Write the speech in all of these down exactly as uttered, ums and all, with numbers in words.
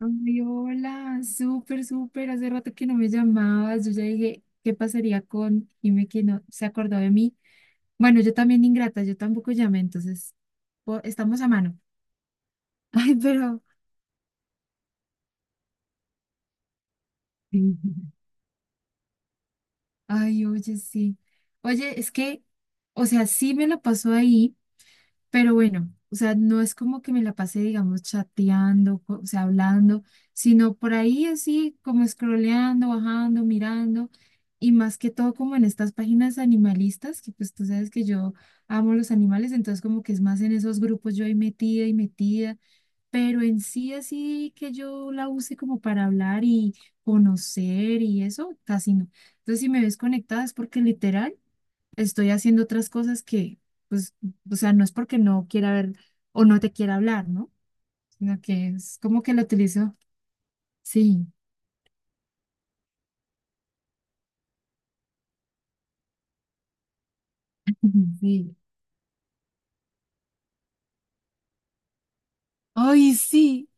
Ay, hola, súper, súper. Hace rato que no me llamabas. Yo ya dije, ¿qué pasaría con Jime que no se acordó de mí? Bueno, yo también ingrata, yo tampoco llamé, entonces po- estamos a mano. Ay, pero, ay, oye, sí. Oye, es que, o sea, sí me la pasó ahí. Pero bueno, o sea, no es como que me la pasé, digamos, chateando, co- o sea, hablando, sino por ahí así como scrolleando, bajando, mirando, y más que todo como en estas páginas animalistas, que pues tú sabes que yo amo los animales, entonces como que es más en esos grupos yo ahí metida y metida, pero en sí así que yo la use como para hablar y conocer y eso, casi no. Entonces si me ves conectada es porque literal estoy haciendo otras cosas que, pues, o sea, no es porque no quiera ver o no te quiera hablar, ¿no? Sino que es como que lo utilizo. Sí, sí. Ay, sí,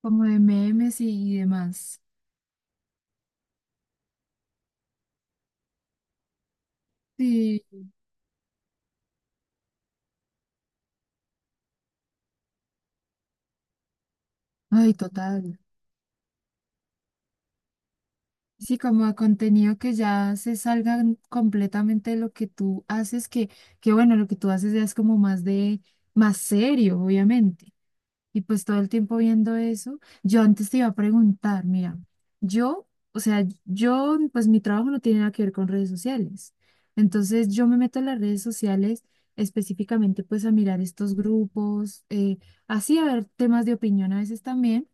como de memes y, y demás. Sí, ay, total. Sí, como de contenido que ya se salga completamente de lo que tú haces, que, que bueno, lo que tú haces ya es como más de, más serio, obviamente. Y pues todo el tiempo viendo eso, yo antes te iba a preguntar, mira, yo, o sea, yo, pues mi trabajo no tiene nada que ver con redes sociales. Entonces yo me meto en las redes sociales específicamente pues a mirar estos grupos, eh, así a ver temas de opinión a veces también,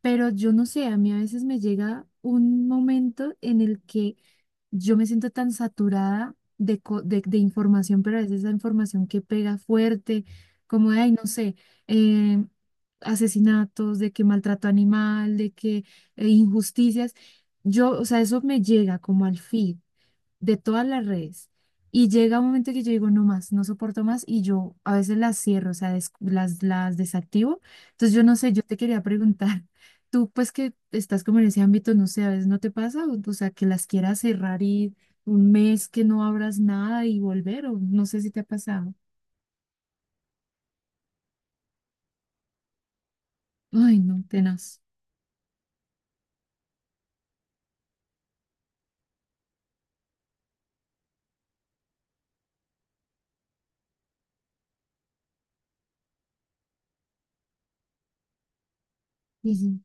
pero yo no sé, a mí a veces me llega un momento en el que yo me siento tan saturada de, co- de, de información, pero a veces esa información que pega fuerte, como de, ay, no sé, eh, asesinatos, de que maltrato animal, de que eh, injusticias, yo, o sea, eso me llega como al feed de todas las redes. Y llega un momento que yo digo, no más, no soporto más y yo a veces las cierro, o sea, des- las, las desactivo. Entonces yo no sé, yo te quería preguntar, tú pues que estás como en ese ámbito, no sé, a veces no te pasa, o, o sea, que las quieras cerrar y un mes que no abras nada y volver, o no sé si te ha pasado. Ay, no, tenaz. Sí, sí,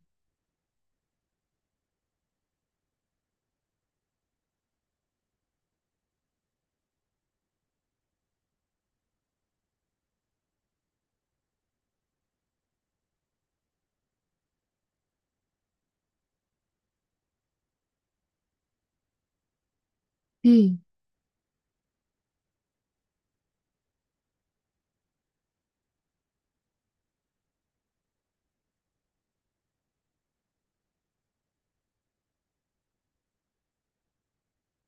sí,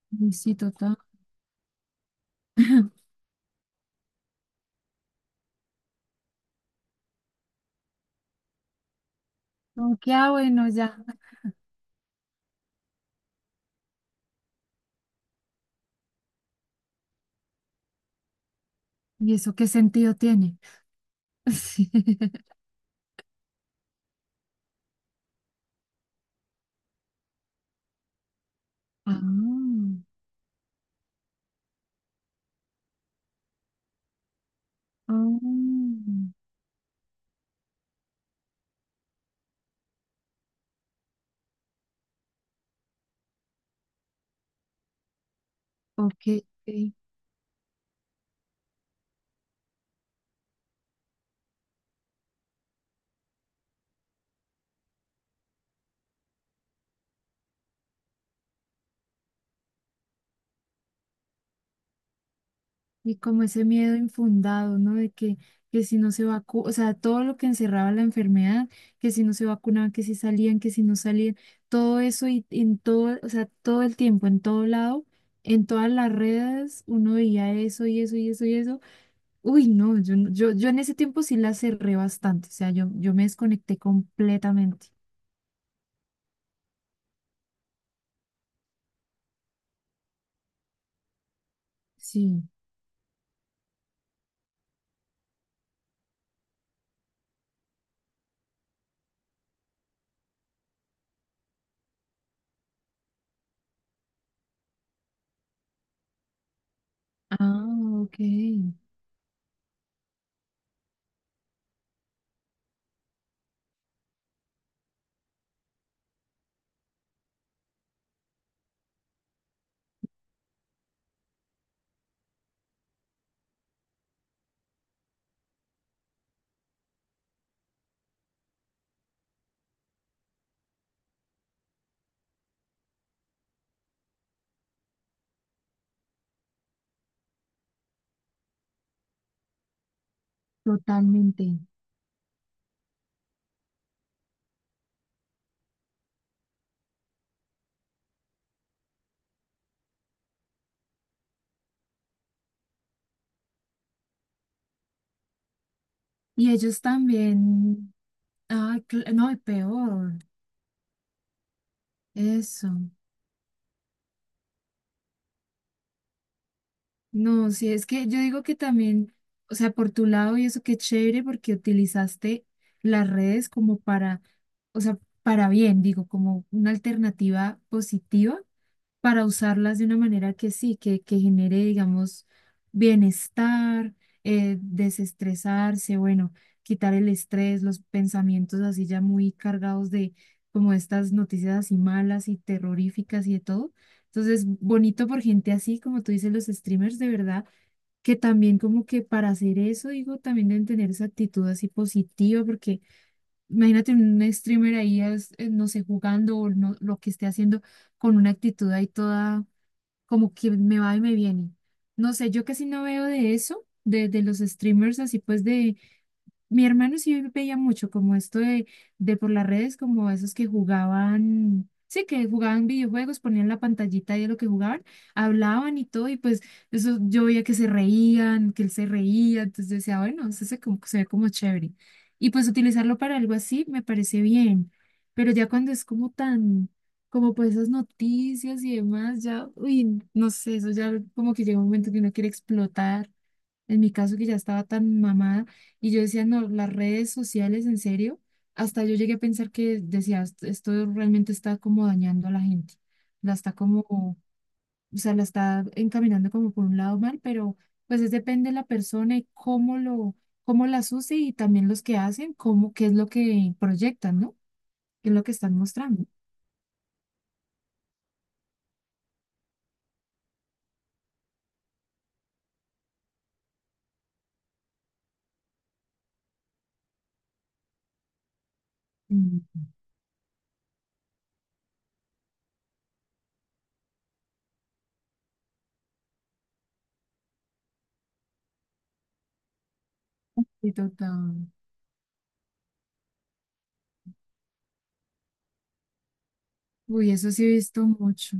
sí, sí, total. Como que, ah, bueno, ya. ¿Y eso qué sentido tiene? Sí. Ah, ah. Ok, ok. Y como ese miedo infundado, ¿no? De que, que si no se vacuna, o sea, todo lo que encerraba la enfermedad, que si no se vacunaban, que si salían, que si no salían, todo eso y y en todo, o sea, todo el tiempo, en todo lado, en todas las redes, uno veía eso y eso y eso y eso. Uy, no, yo, no- yo, yo en ese tiempo sí la cerré bastante, o sea, yo, yo me desconecté completamente. Sí. Ah, ok, totalmente. Y ellos también. Ay, cl- no, y peor, eso. No, sí, es que yo digo que también, o sea, por tu lado y eso qué chévere porque utilizaste las redes como para, o sea, para bien, digo, como una alternativa positiva, para usarlas de una manera que sí, que, que genere, digamos, bienestar, eh, desestresarse, bueno, quitar el estrés, los pensamientos así ya muy cargados de como estas noticias así malas y terroríficas y de todo. Entonces, bonito por gente así, como tú dices, los streamers de verdad, que también como que para hacer eso, digo, también deben tener esa actitud así positiva, porque imagínate un streamer ahí, es- eh, no sé, jugando o no, lo que esté haciendo con una actitud ahí toda como que me va y me viene. No sé, yo casi no veo de eso, de, de los streamers así pues de, mi hermano sí veía mucho como esto de, de por las redes, como esos que jugaban, sí, que jugaban videojuegos, ponían la pantallita ahí de lo que jugaban, hablaban y todo, y pues eso yo veía que se reían, que él se reía, entonces yo decía, bueno, eso se, como- se ve como chévere. Y pues utilizarlo para algo así me parece bien, pero ya cuando es como tan, como pues esas noticias y demás, ya, uy, no sé, eso ya como que llega un momento que uno quiere explotar. En mi caso, que ya estaba tan mamada y yo decía, no, las redes sociales, en serio, hasta yo llegué a pensar que decía, "Est- esto realmente está como dañando a la gente, la está como, o sea, la está encaminando como por un lado mal, pero pues es depende de la persona y cómo lo, cómo las use y también los que hacen, cómo, qué es lo que proyectan, ¿no? ¿Qué es lo que están mostrando? Mm, sí, total. Uy, eso sí he visto mucho.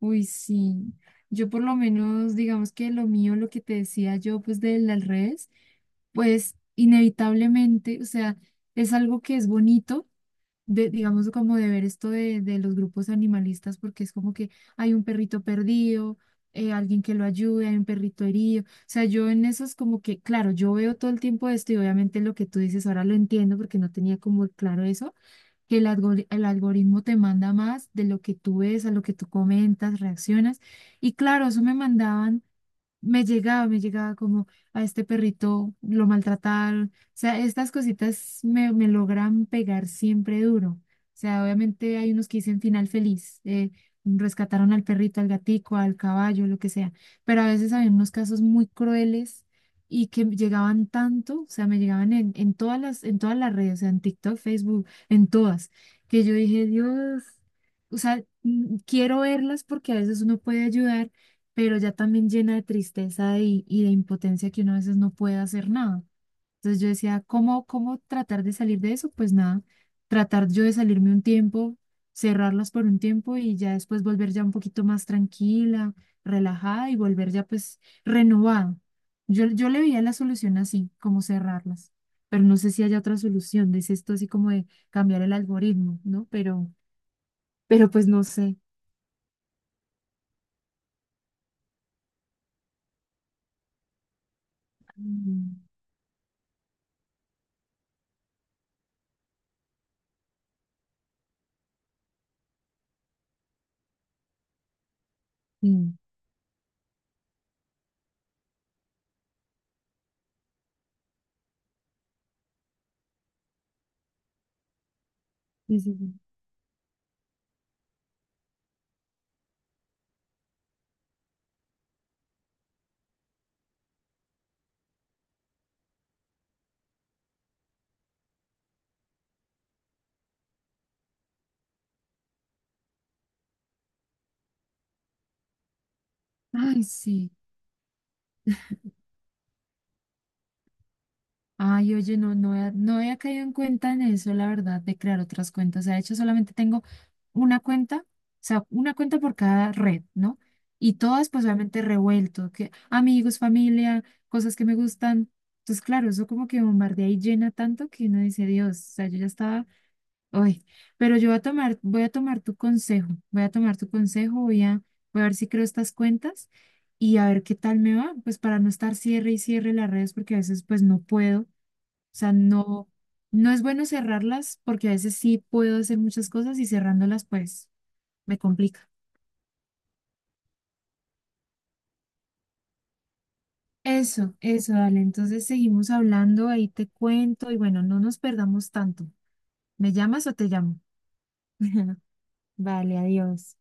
Uy, sí. Yo por lo menos, digamos que lo mío, lo que te decía yo, pues de las redes, pues inevitablemente, o sea, es algo que es bonito, de, digamos como de ver esto de, de los grupos animalistas, porque es como que hay un perrito perdido, eh, alguien que lo ayude, hay un perrito herido. O sea, yo en eso es como que, claro, yo veo todo el tiempo esto y obviamente lo que tú dices ahora lo entiendo porque no tenía como claro eso que el algori- el algoritmo te manda más de lo que tú ves, a lo que tú comentas, reaccionas. Y claro, eso me mandaban me llegaba, me llegaba como a este perrito lo maltrataron. O sea, estas cositas me, me logran pegar siempre duro. O sea, obviamente hay unos que dicen final feliz, eh, rescataron al perrito, al gatico, al caballo, lo que sea. Pero a veces había unos casos muy crueles y que llegaban tanto, o sea, me llegaban en, en todas las, en todas las redes, o sea, en TikTok, Facebook, en todas, que yo dije, Dios, o sea, mm, quiero verlas porque a veces uno puede ayudar pero ya también llena de tristeza y, y de impotencia que uno a veces no puede hacer nada. Entonces yo decía, ¿cómo, cómo tratar de salir de eso? Pues nada, tratar yo de salirme un tiempo, cerrarlas por un tiempo y ya después volver ya un poquito más tranquila, relajada y volver ya pues renovada. Yo, yo le veía la solución así, como cerrarlas, pero no sé si haya otra solución, dice esto así como de cambiar el algoritmo, ¿no? Pero, pero pues no sé. Mm, sí, sí, sí, sí. Ay, sí. Ay, oye, no, no, he- no había caído en cuenta en eso, la verdad, de crear otras cuentas. O sea, de hecho, solamente tengo una cuenta, o sea, una cuenta por cada red, ¿no? Y todas, pues, obviamente revuelto, que amigos, familia, cosas que me gustan. Entonces, claro, eso como que bombardea y llena tanto que uno dice, Dios, o sea, yo ya estaba, uy, pero yo voy a tomar, voy a tomar tu consejo, voy a tomar tu consejo, voy a, voy a ver si creo estas cuentas y a ver qué tal me va, pues, para no estar cierre y cierre las redes, porque a veces, pues, no puedo sea, no, no es bueno cerrarlas porque a veces sí puedo hacer muchas cosas y cerrándolas pues me complica. Eso, eso, dale. Entonces seguimos hablando, ahí te cuento y bueno, no nos perdamos tanto. ¿Me llamas o te llamo? Vale, adiós.